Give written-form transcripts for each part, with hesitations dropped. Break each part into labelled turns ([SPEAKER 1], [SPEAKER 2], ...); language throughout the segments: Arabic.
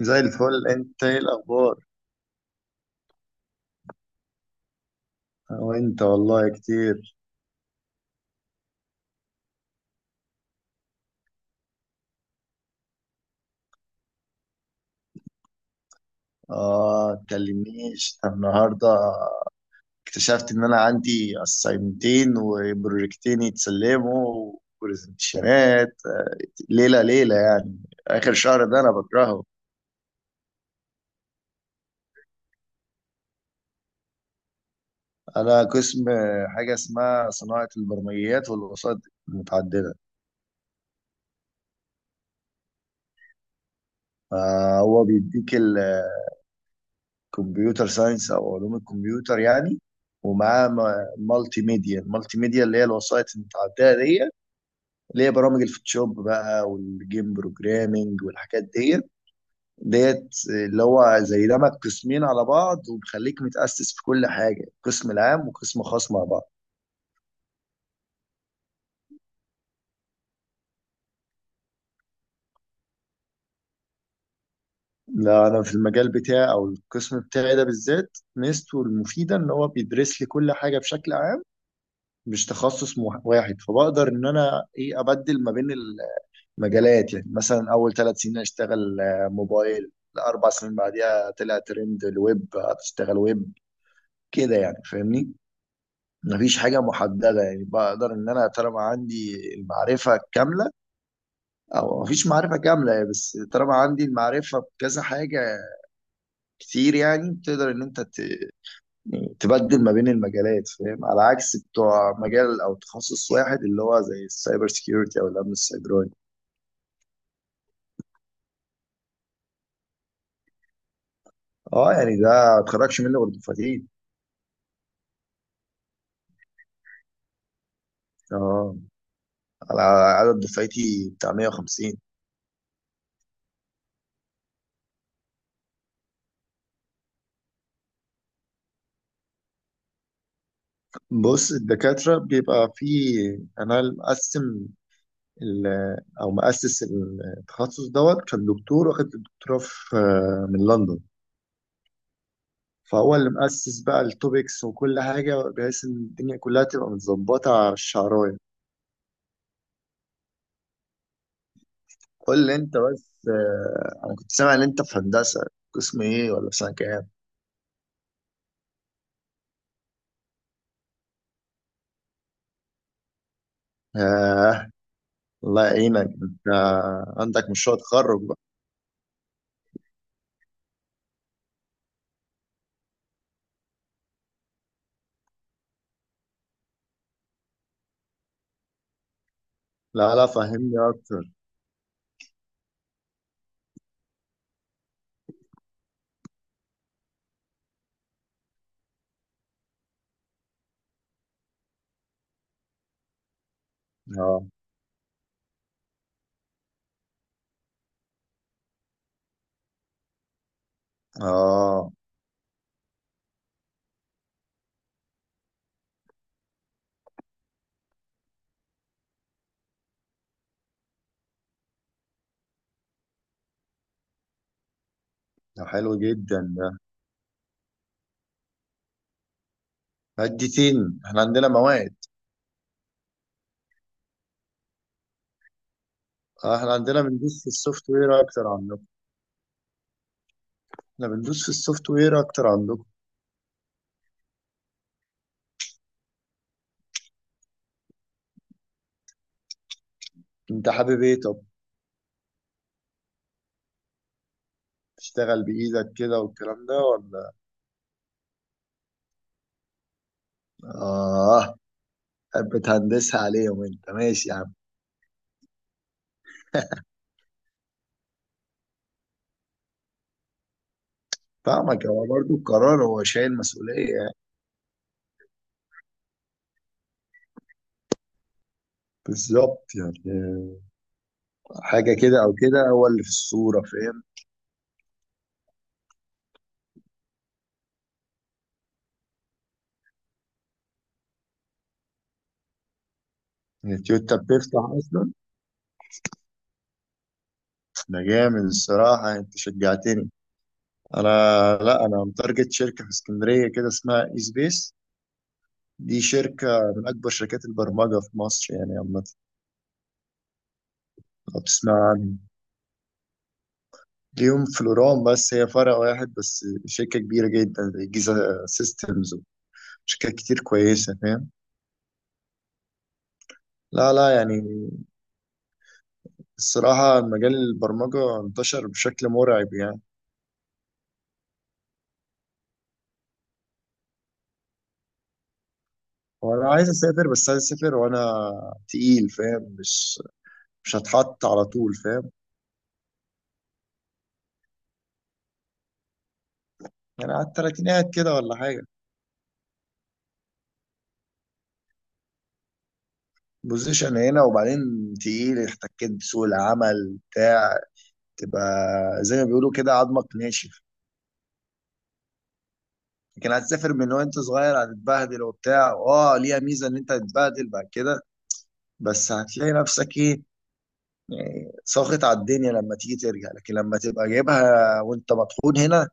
[SPEAKER 1] زي الفل. انت ايه الاخبار؟ وانت والله كتير. اه تكلمنيش النهارده، اكتشفت ان انا عندي اسايمتين وبروجكتين يتسلموا وبرزنتيشنات ليله ليله يعني، اخر شهر ده انا بكرهه. انا قسم حاجه اسمها صناعه البرمجيات والوسائط المتعدده. فهو بيديك كمبيوتر ساينس او علوم الكمبيوتر يعني. ومعاه مالتي ميديا المالتي ميديا اللي هي الوسائط المتعدده دي، اللي هي برامج الفوتوشوب بقى والجيم بروجرامينج والحاجات دي. ديت اللي هو زي دمج قسمين على بعض وبيخليك متأسس في كل حاجه، قسم العام وقسم خاص مع بعض. لا انا في المجال بتاعي او القسم بتاعي ده بالذات ميزته المفيده ان هو بيدرس لي كل حاجه بشكل عام، مش تخصص واحد، فبقدر ان انا ايه ابدل ما بين مجالات. يعني مثلا اول ثلاث سنين اشتغل موبايل، الاربع سنين بعديها طلع ترند الويب هتشتغل ويب. كده يعني، فاهمني؟ مفيش حاجة محددة يعني، بقدر إن أنا طالما عندي المعرفة الكاملة، أو مفيش معرفة كاملة بس طالما عندي المعرفة بكذا حاجة كتير، يعني تقدر إن يعني تبدل ما بين المجالات، فاهم؟ على عكس بتوع مجال أو تخصص واحد اللي هو زي السايبر سيكيورتي أو الأمن السيبراني. أه يعني ده ما تخرجش منه غير دفعتين. أه، على عدد دفعتي بتاع 150. بص، الدكاترة بيبقى في، أنا مقسم، ال- أو مؤسس التخصص دوت كان دكتور واخد الدكتوراه في، من لندن. فهو اللي مؤسس بقى التوبكس وكل حاجة، بحيث إن الدنيا كلها تبقى متظبطة على الشعراية. قول لي أنت بس، أنا كنت سامع إن أنت في هندسة، قسم إيه ولا في سنة كام؟ آه، الله يعينك أنت، عندك مشروع تخرج بقى. لا لا، فهمني أكتر. آه. اه ده حلو جدا ده، مادتين احنا عندنا مواد. احنا عندنا بندوس في السوفت وير اكتر عندكم. احنا بندوس في السوفت وير اكتر عندكم. انت حابب ايه طب؟ تشتغل بايدك كده والكلام ده ولا؟ اه. بتهندسها عليهم انت، ماشي يا عم. فاهمك، هو برضه القرار، هو شايل مسؤولية يعني. بالظبط يعني، حاجة كده أو كده هو اللي في الصورة، فاهم؟ يعني تويوتا بتفتح أصلا؟ ده جامد الصراحة، أنت شجعتني. انا، لا انا متارجت شركه في اسكندريه كده، اسمها اي سبيس. دي شركه من اكبر شركات البرمجه في مصر يعني عامه، لو تسمع عنها. ليهم فلوران بس هي فرع واحد بس، شركه كبيره جدا زي جيزا سيستمز وشركات كتير كويسه، فاهم؟ لا لا يعني، الصراحه مجال البرمجه انتشر بشكل مرعب يعني. وانا عايز اسافر، بس عايز اسافر وانا تقيل، فاهم؟ مش هتحط على طول، فاهم؟ يعني على التلاتينات كده ولا حاجه. بوزيشن هنا، وبعدين تقيل احتكيت بسوق العمل بتاع، تبقى زي ما بيقولوا كده عظمك ناشف. لكن هتسافر من وانت صغير هتتبهدل وبتاع، اه ليها ميزه ان انت هتتبهدل بعد كده، بس هتلاقي نفسك ايه، يعني ساخط على الدنيا لما تيجي ترجع. لكن لما تبقى جايبها وانت مطحون هنا،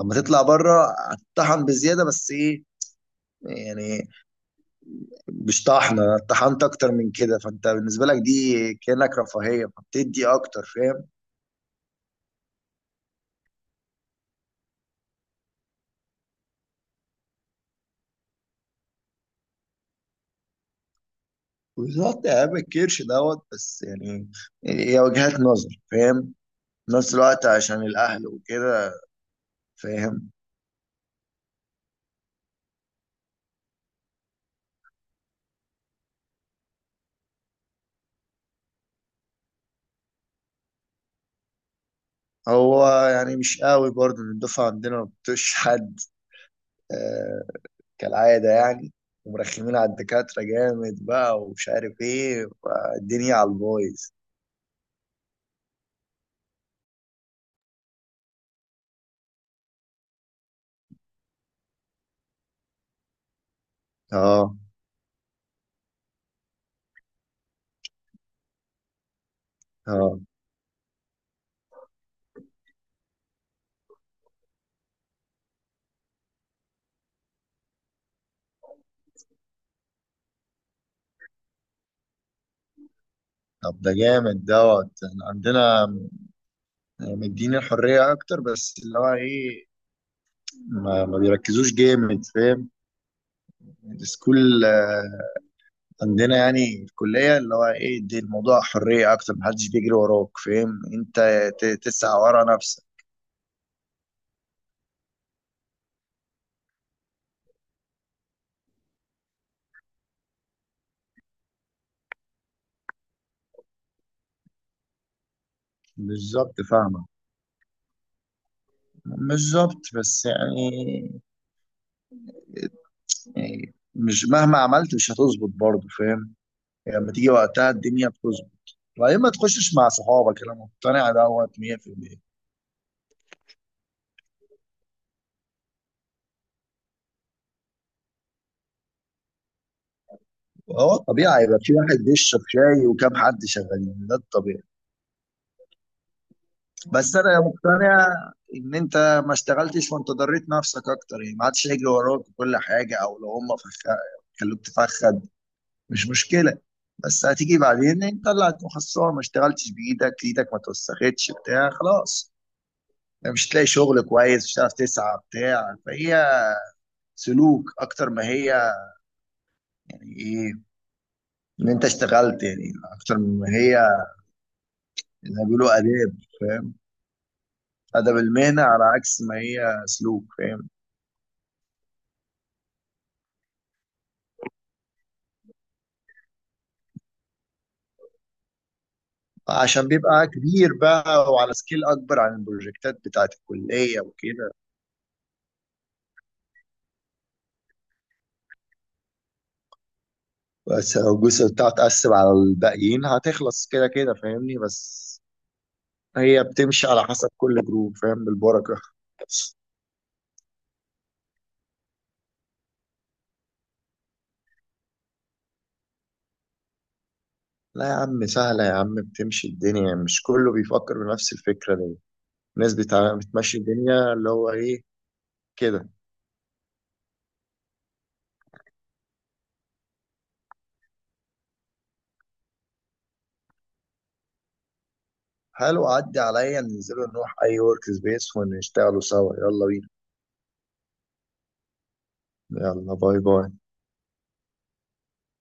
[SPEAKER 1] اما تطلع بره هتطحن بزياده بس ايه، يعني مش طحنه طحنت اكتر من كده، فانت بالنسبه لك دي كانك رفاهيه، فبتدي اكتر، فاهم؟ بالظبط يا عم، الكرش دوت بس يعني هي وجهات نظر، فاهم؟ في نفس الوقت عشان الأهل وكده، فاهم. هو يعني مش قوي برضه، إن الدفعة عندنا ما بتطيقش حد، آه، كالعادة يعني، ومرخمين على الدكاترة جامد بقى ومش عارف ايه، الدنيا على البايظ. اه اه، طب ده جامد دوت. احنا عندنا مديني الحرية أكتر، بس اللي هو ايه، ما بيركزوش جامد، فاهم؟ السكول عندنا يعني في الكلية، اللي هو ايه دي، الموضوع حرية أكتر، محدش بيجري وراك، فاهم أنت؟ تسعى ورا نفسك. بالظبط فاهمة، بالظبط بس يعني، يعني مش مهما عملت مش هتظبط برضه، فاهم؟ يعني لما تيجي وقتها الدنيا بتظبط. وبعدين ما تخشش مع صحابك، أنا مقتنع دوت 100%. هو الطبيعي يبقى في واحد بيشرب شاي وكام حد شغالين، ده الطبيعي. بس انا مقتنع ان انت ما اشتغلتش، وانت ضريت نفسك اكتر يعني ما عادش يجري وراك وكل حاجه، او لو هم خلوك تفخد مش مشكله، بس هتيجي بعدين انت طلعت مخصصه، ما اشتغلتش بايدك، ايدك ما توسختش بتاع خلاص، يعني مش تلاقي شغل كويس، مش هتعرف تسعى بتاع، فهي سلوك اكتر ما هي، يعني ايه ان انت اشتغلت يعني اكتر ما هي، اللي بيقولوا اداب، فاهم؟ ادب المهنه، على عكس ما هي سلوك، فاهم؟ عشان بيبقى كبير بقى وعلى سكيل اكبر عن البروجكتات بتاعت الكليه وكده. بس لو الجزء بتاعه اتقسم على الباقيين هتخلص كده كده، فاهمني؟ بس هي بتمشي على حسب كل جروب، فاهم؟ بالبركه. لا يا عم، سهله يا عم، بتمشي الدنيا. مش كله بيفكر بنفس الفكره دي، الناس بتمشي الدنيا اللي هو ايه كده. حلو، عدي عليا، ننزلوا نروح اي ورك سبيس ونشتغلوا سوا، يلا بينا. يلا، باي باي.